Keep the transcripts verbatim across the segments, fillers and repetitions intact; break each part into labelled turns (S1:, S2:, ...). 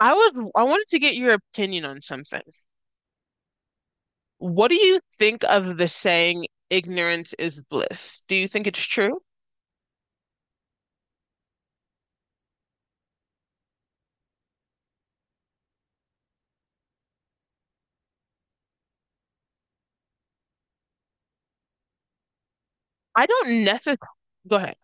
S1: I was I wanted to get your opinion on something. What do you think of the saying ignorance is bliss? Do you think it's true? I don't necessarily go ahead.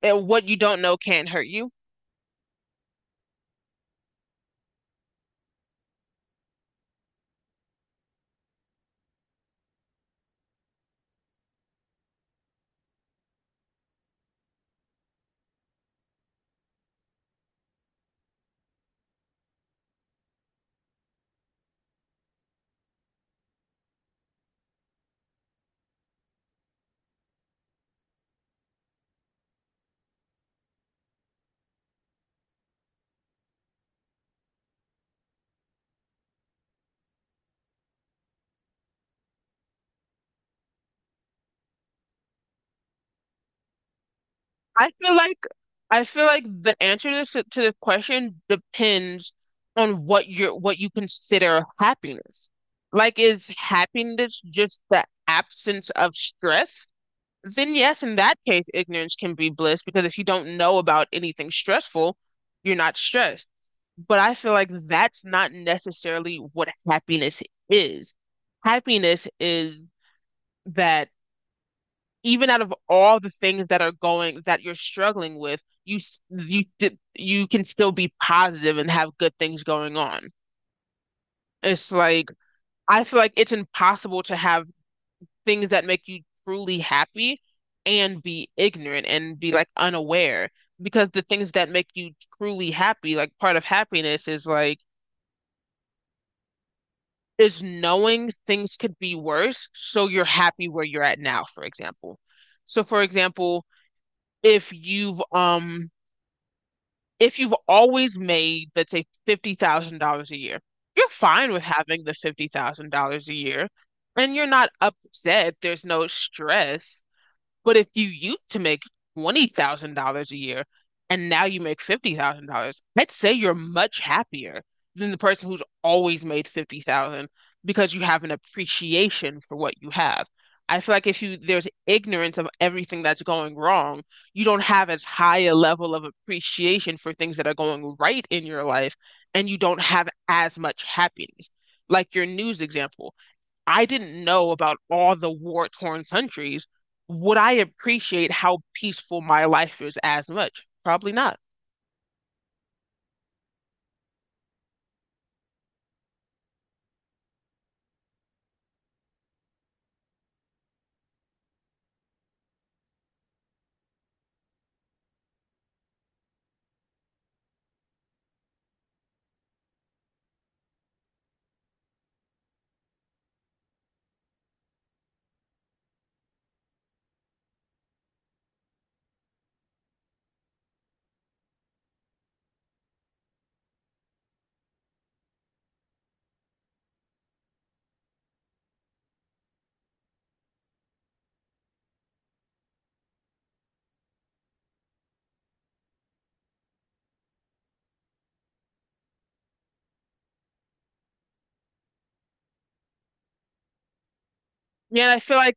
S1: And what you don't know can't hurt you. I feel like I feel like the answer to this to the question depends on what you're what you consider happiness. Like is happiness just the absence of stress? Then yes, in that case, ignorance can be bliss because if you don't know about anything stressful, you're not stressed. But I feel like that's not necessarily what happiness is. Happiness is that even out of all the things that are going that you're struggling with, you s- you d- you can still be positive and have good things going on. It's like I feel like it's impossible to have things that make you truly happy and be ignorant and be like unaware because the things that make you truly happy, like part of happiness is like is knowing things could be worse, so you're happy where you're at now, for example. So for example, if you've um if you've always made, let's say, fifty thousand dollars a year, you're fine with having the fifty thousand dollars a year and you're not upset. There's no stress. But if you used to make twenty thousand dollars a year and now you make fifty thousand dollars I'd say you're much happier than the person who's always made fifty thousand because you have an appreciation for what you have. I feel like if you there's ignorance of everything that's going wrong, you don't have as high a level of appreciation for things that are going right in your life, and you don't have as much happiness. Like your news example, I didn't know about all the war-torn countries, would I appreciate how peaceful my life is as much? Probably not. Yeah, and I feel like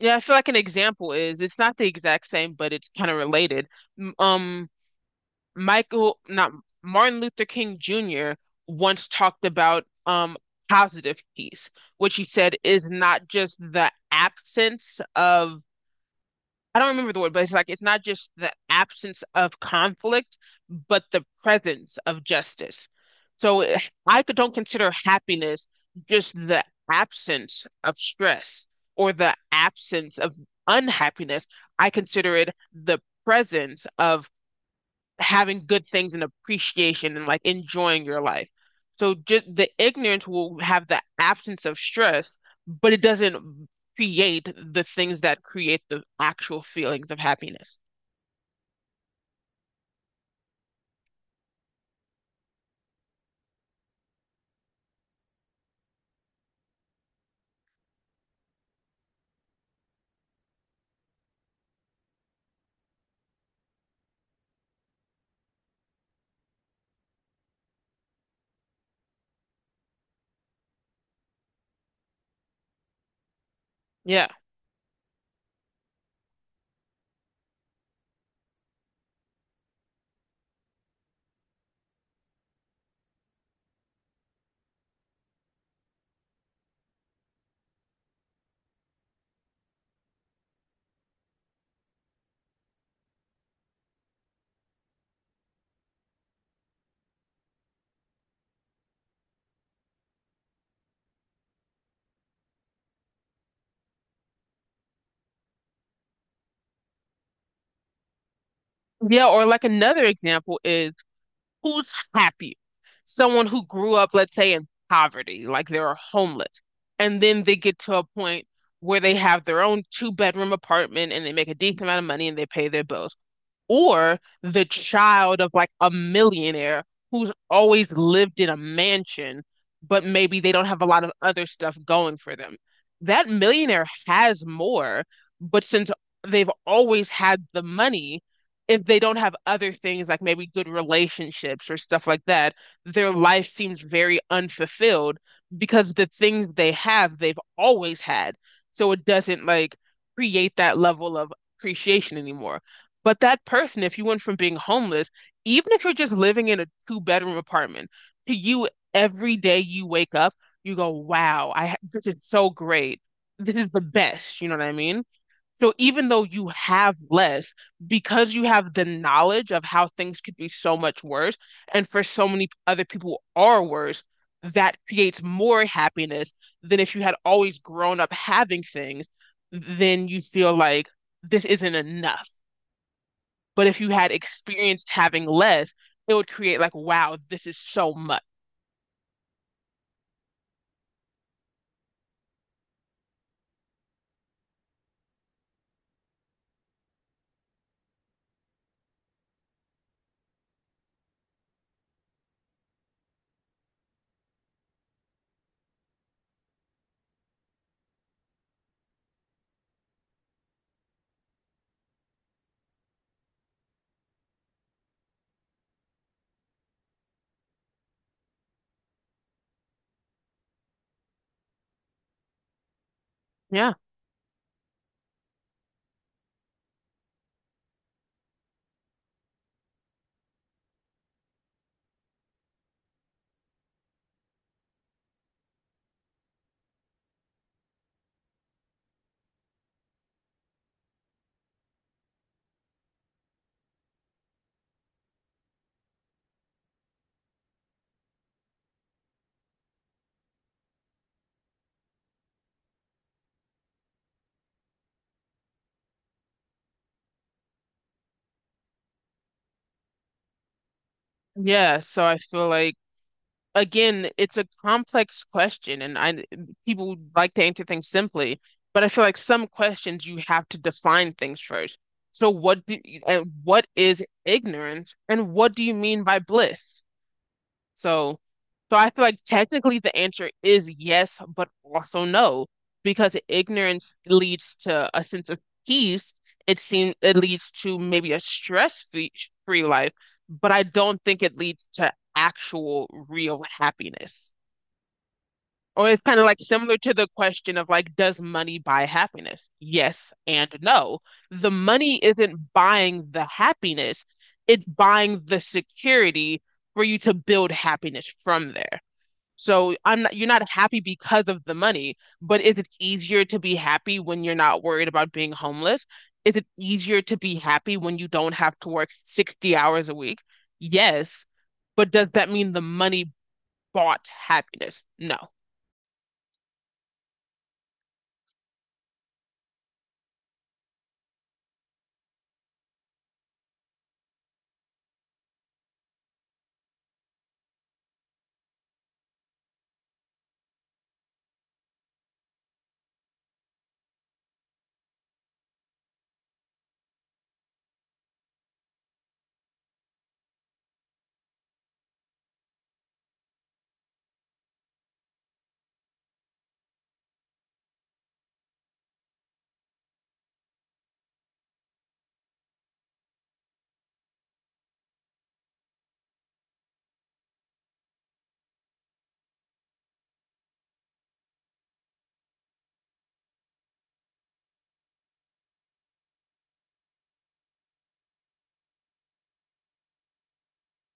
S1: yeah, I feel like an example is it's not the exact same, but it's kind of related. M- Um, Michael, not Martin Luther King Junior once talked about um positive peace, which he said is not just the absence of I don't remember the word, but it's like it's not just the absence of conflict, but the presence of justice. So eh, I could- don't consider happiness just the absence of stress or the absence of unhappiness. I consider it the presence of having good things and appreciation and like enjoying your life. So just the ignorance will have the absence of stress, but it doesn't create the things that create the actual feelings of happiness. Yeah. Yeah, or like another example is, who's happy? Someone who grew up, let's say, in poverty, like they're homeless, and then they get to a point where they have their own two bedroom apartment and they make a decent amount of money and they pay their bills, or the child of like a millionaire who's always lived in a mansion, but maybe they don't have a lot of other stuff going for them. That millionaire has more, but since they've always had the money, if they don't have other things like maybe good relationships or stuff like that, their life seems very unfulfilled because the things they have, they've always had. So it doesn't like create that level of appreciation anymore. But that person, if you went from being homeless, even if you're just living in a two bedroom apartment, to you, every day you wake up, you go, wow, I ha- this is so great. This is the best. You know what I mean? So even though you have less, because you have the knowledge of how things could be so much worse, and for so many other people are worse, that creates more happiness than if you had always grown up having things, then you feel like this isn't enough. But if you had experienced having less, it would create like, wow, this is so much. Yeah. Yeah. So I feel like, again, it's a complex question, and I people like to answer things simply, but I feel like some questions you have to define things first. So what do, and what is ignorance and what do you mean by bliss? So, so I feel like technically the answer is yes, but also no, because ignorance leads to a sense of peace. It seems it leads to maybe a stress-free free life, but I don't think it leads to actual real happiness. Or it's kind of like similar to the question of like, does money buy happiness? Yes and no. The money isn't buying the happiness, it's buying the security for you to build happiness from there. So I'm not, you're not happy because of the money, but is it easier to be happy when you're not worried about being homeless? Is it easier to be happy when you don't have to work sixty hours a week? Yes, but does that mean the money bought happiness? No.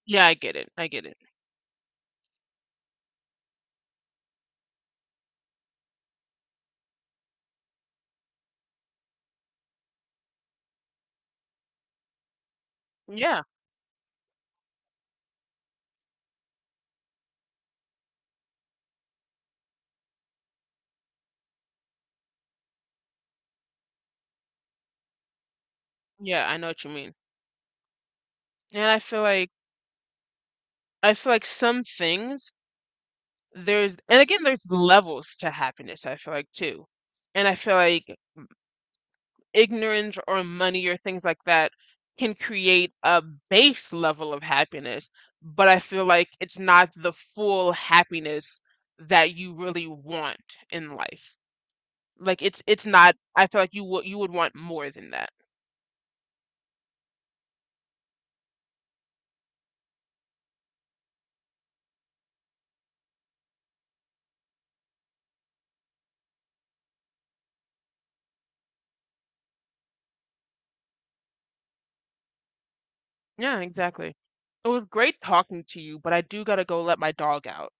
S1: Yeah, I get it. I get it. Yeah. Yeah, I know what you mean. And I feel like I feel like some things there's and again there's levels to happiness, I feel like too. And I feel like ignorance or money or things like that can create a base level of happiness, but I feel like it's not the full happiness that you really want in life. Like it's it's not, I feel like you would you would want more than that. Yeah, exactly. It was great talking to you, but I do gotta go let my dog out.